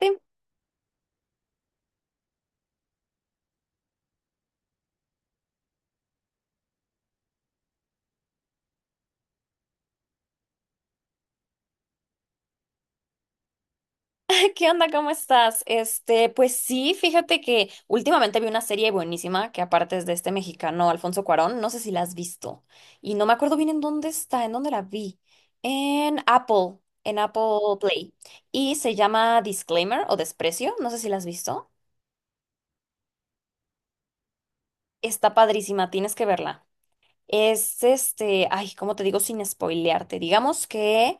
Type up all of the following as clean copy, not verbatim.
Sí, ¿Qué onda? ¿Cómo estás? Pues sí, fíjate que últimamente vi una serie buenísima que aparte es de este mexicano Alfonso Cuarón, no sé si la has visto y no me acuerdo bien en dónde está, en dónde la vi. En Apple, en Apple Play, y se llama Disclaimer o Desprecio, no sé si la has visto. Está padrísima, tienes que verla. Es ay, ¿cómo te digo sin spoilearte? Digamos que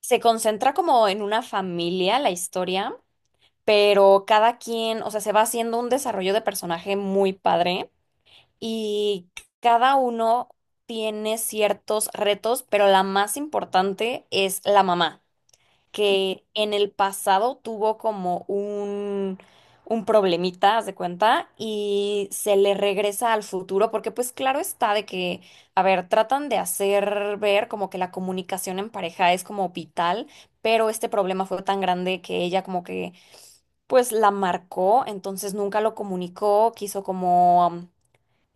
se concentra como en una familia la historia, pero cada quien, o sea, se va haciendo un desarrollo de personaje muy padre y cada uno tiene ciertos retos, pero la más importante es la mamá, que en el pasado tuvo como un problemita, haz de cuenta, y se le regresa al futuro, porque pues claro está de que, a ver, tratan de hacer ver como que la comunicación en pareja es como vital, pero este problema fue tan grande que ella como que pues la marcó, entonces nunca lo comunicó, quiso como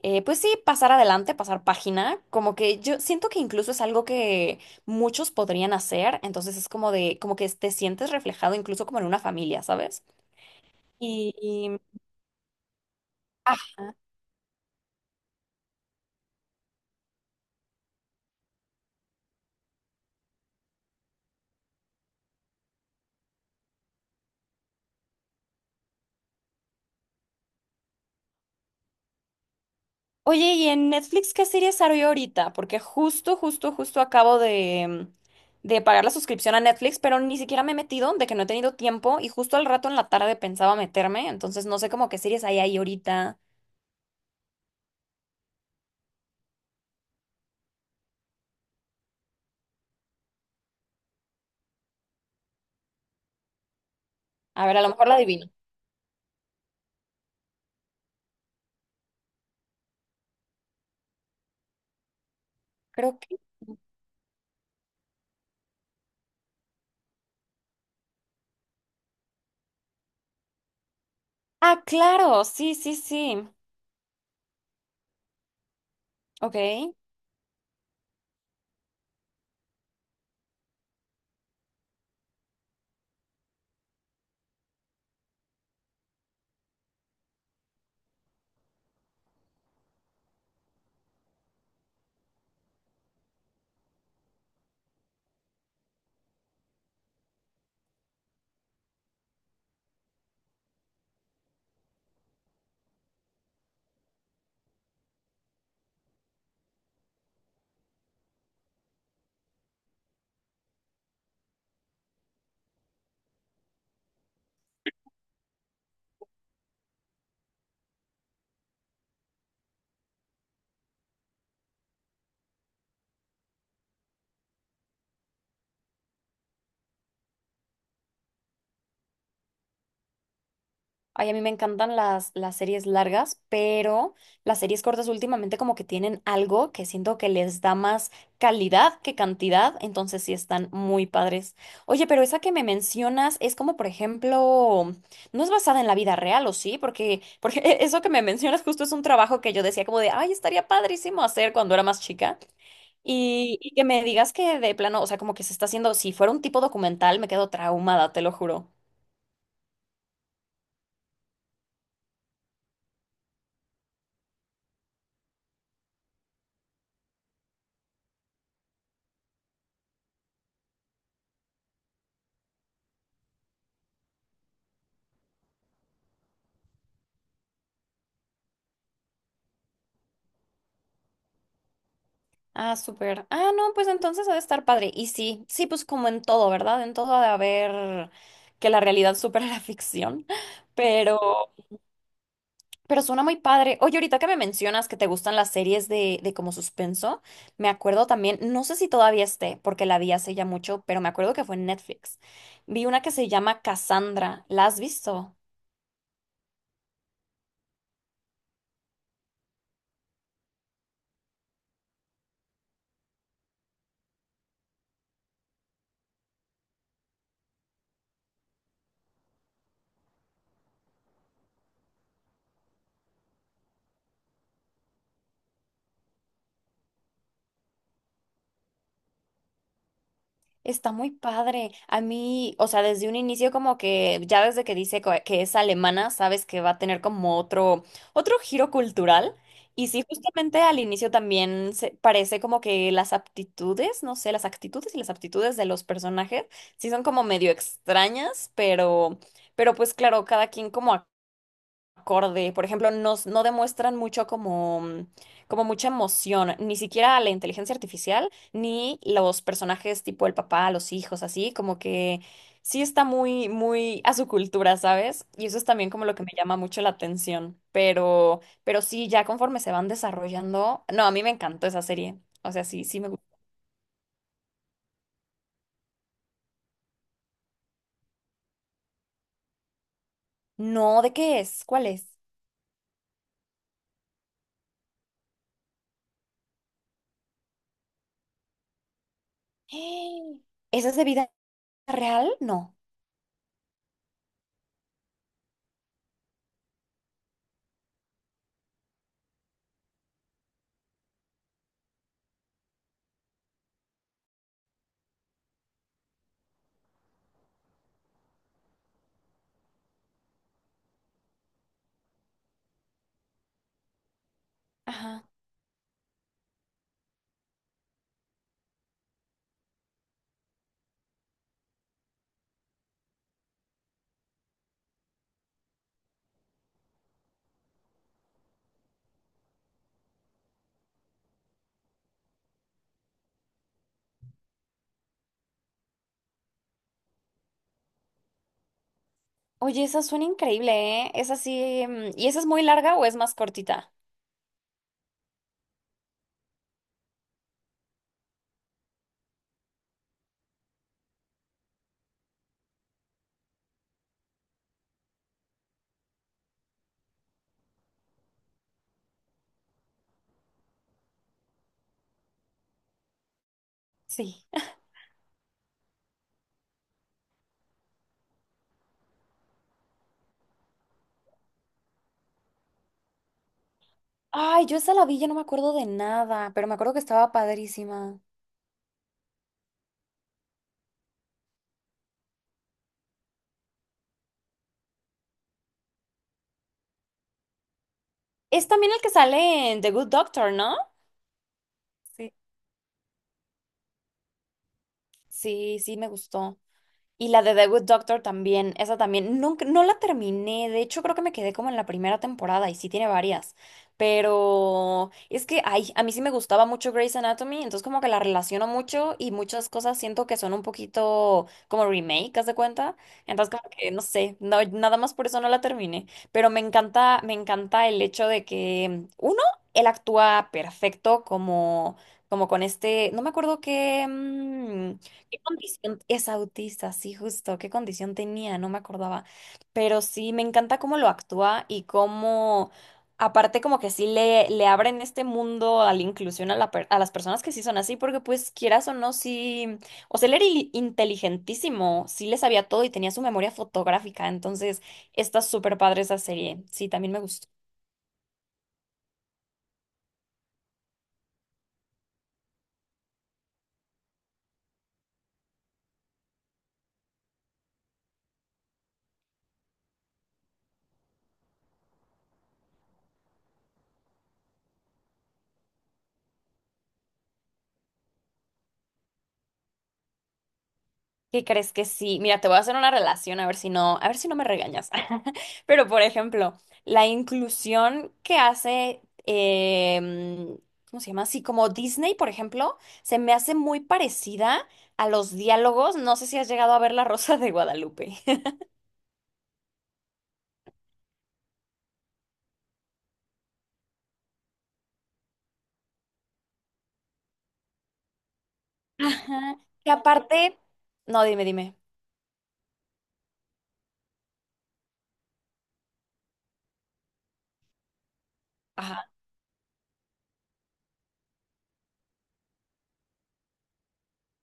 pues sí, pasar adelante, pasar página, como que yo siento que incluso es algo que muchos podrían hacer, entonces es como de, como que te sientes reflejado incluso como en una familia, ¿sabes? Y, y- ajá. Oye, ¿y en Netflix qué series hay ahorita? Porque justo, justo, justo acabo de pagar la suscripción a Netflix, pero ni siquiera me he metido, de que no he tenido tiempo, y justo al rato en la tarde pensaba meterme, entonces no sé como qué series hay ahí ahorita. A ver, a lo mejor la adivino. Creo que... Ah, claro, sí, sí, sí. Ok. Ay, a mí me encantan las series largas, pero las series cortas últimamente como que tienen algo que siento que les da más calidad que cantidad, entonces sí están muy padres. Oye, pero esa que me mencionas es como, por ejemplo, no es basada en la vida real, ¿o sí? Porque eso que me mencionas justo es un trabajo que yo decía como de, ay, estaría padrísimo hacer cuando era más chica. Y que me digas que de plano, o sea, como que se está haciendo, si fuera un tipo documental, me quedo traumada, te lo juro. Ah, súper. Ah, no, pues entonces ha de estar padre. Y sí, sí, pues como en todo, ¿verdad? En todo ha de haber que la realidad supera la ficción. Pero, pero suena muy padre. Oye, ahorita que me mencionas que te gustan las series de como suspenso, me acuerdo también, no sé si todavía esté, porque la vi hace ya mucho, pero me acuerdo que fue en Netflix. Vi una que se llama Cassandra. ¿La has visto? Está muy padre. A mí, o sea, desde un inicio como que ya desde que dice que es alemana, sabes que va a tener como otro giro cultural. Y sí, justamente al inicio también se parece como que las aptitudes, no sé, las actitudes y las aptitudes de los personajes sí son como medio extrañas, pero pues claro, cada quien como acorde. Por ejemplo, no demuestran mucho como, como mucha emoción, ni siquiera la inteligencia artificial, ni los personajes tipo el papá, los hijos, así, como que sí está muy, muy a su cultura, ¿sabes? Y eso es también como lo que me llama mucho la atención. Pero sí, ya conforme se van desarrollando. No, a mí me encantó esa serie. O sea, sí, sí me gusta. No, ¿de qué es? ¿Cuál es? ¿Esa es de vida real? No. Ajá. Oye, esa suena increíble, ¿eh? Esa sí. ¿Y esa es muy larga o es más cortita? Sí. Ay, yo esa la vi, ya no me acuerdo de nada, pero me acuerdo que estaba padrísima. Es también el que sale en The Good Doctor, ¿no? Sí. Sí, sí, me gustó. Y la de The Good Doctor también, esa también, nunca, no la terminé, de hecho creo que me quedé como en la primera temporada y sí tiene varias, pero es que, ay, a mí sí me gustaba mucho Grey's Anatomy, entonces como que la relaciono mucho y muchas cosas siento que son un poquito como remake, ¿haz de cuenta? Entonces como que, no sé, no, nada más por eso no la terminé, pero me encanta el hecho de que, uno, él actúa perfecto como, como con este, no me acuerdo qué... ¿Qué condición? Es autista, sí, justo. ¿Qué condición tenía? No me acordaba. Pero sí, me encanta cómo lo actúa y cómo, aparte, como que sí le abren este mundo a la inclusión a, a las personas que sí son así, porque pues quieras o no, sí. O sea, él era inteligentísimo, sí le sabía todo y tenía su memoria fotográfica. Entonces, está súper padre esa serie. Sí, también me gustó. ¿Qué crees que sí? Mira, te voy a hacer una relación a ver si no, a ver si no me regañas. Pero, por ejemplo, la inclusión que hace, em, ¿cómo se llama? Así como Disney, por ejemplo, se me hace muy parecida a los diálogos. No sé si has llegado a ver La Rosa de Guadalupe. Ajá. Que aparte, no, dime, dime. Ajá.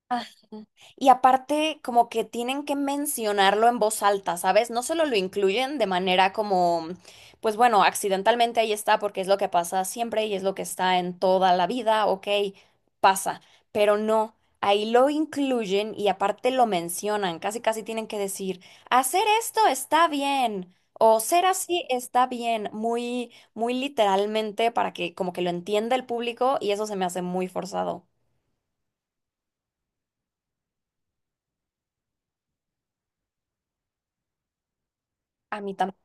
Ajá. Y aparte, como que tienen que mencionarlo en voz alta, ¿sabes? No solo lo incluyen de manera como, pues bueno, accidentalmente ahí está porque es lo que pasa siempre y es lo que está en toda la vida, ok, pasa, pero no, ahí lo incluyen y aparte lo mencionan, casi casi tienen que decir, hacer esto está bien. O ser así está bien, muy, muy literalmente para que como que lo entienda el público y eso se me hace muy forzado. A mí también.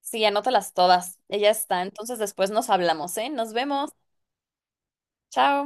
Sí, anótalas todas. Ella está. Entonces después nos hablamos, ¿eh? Nos vemos. Chao.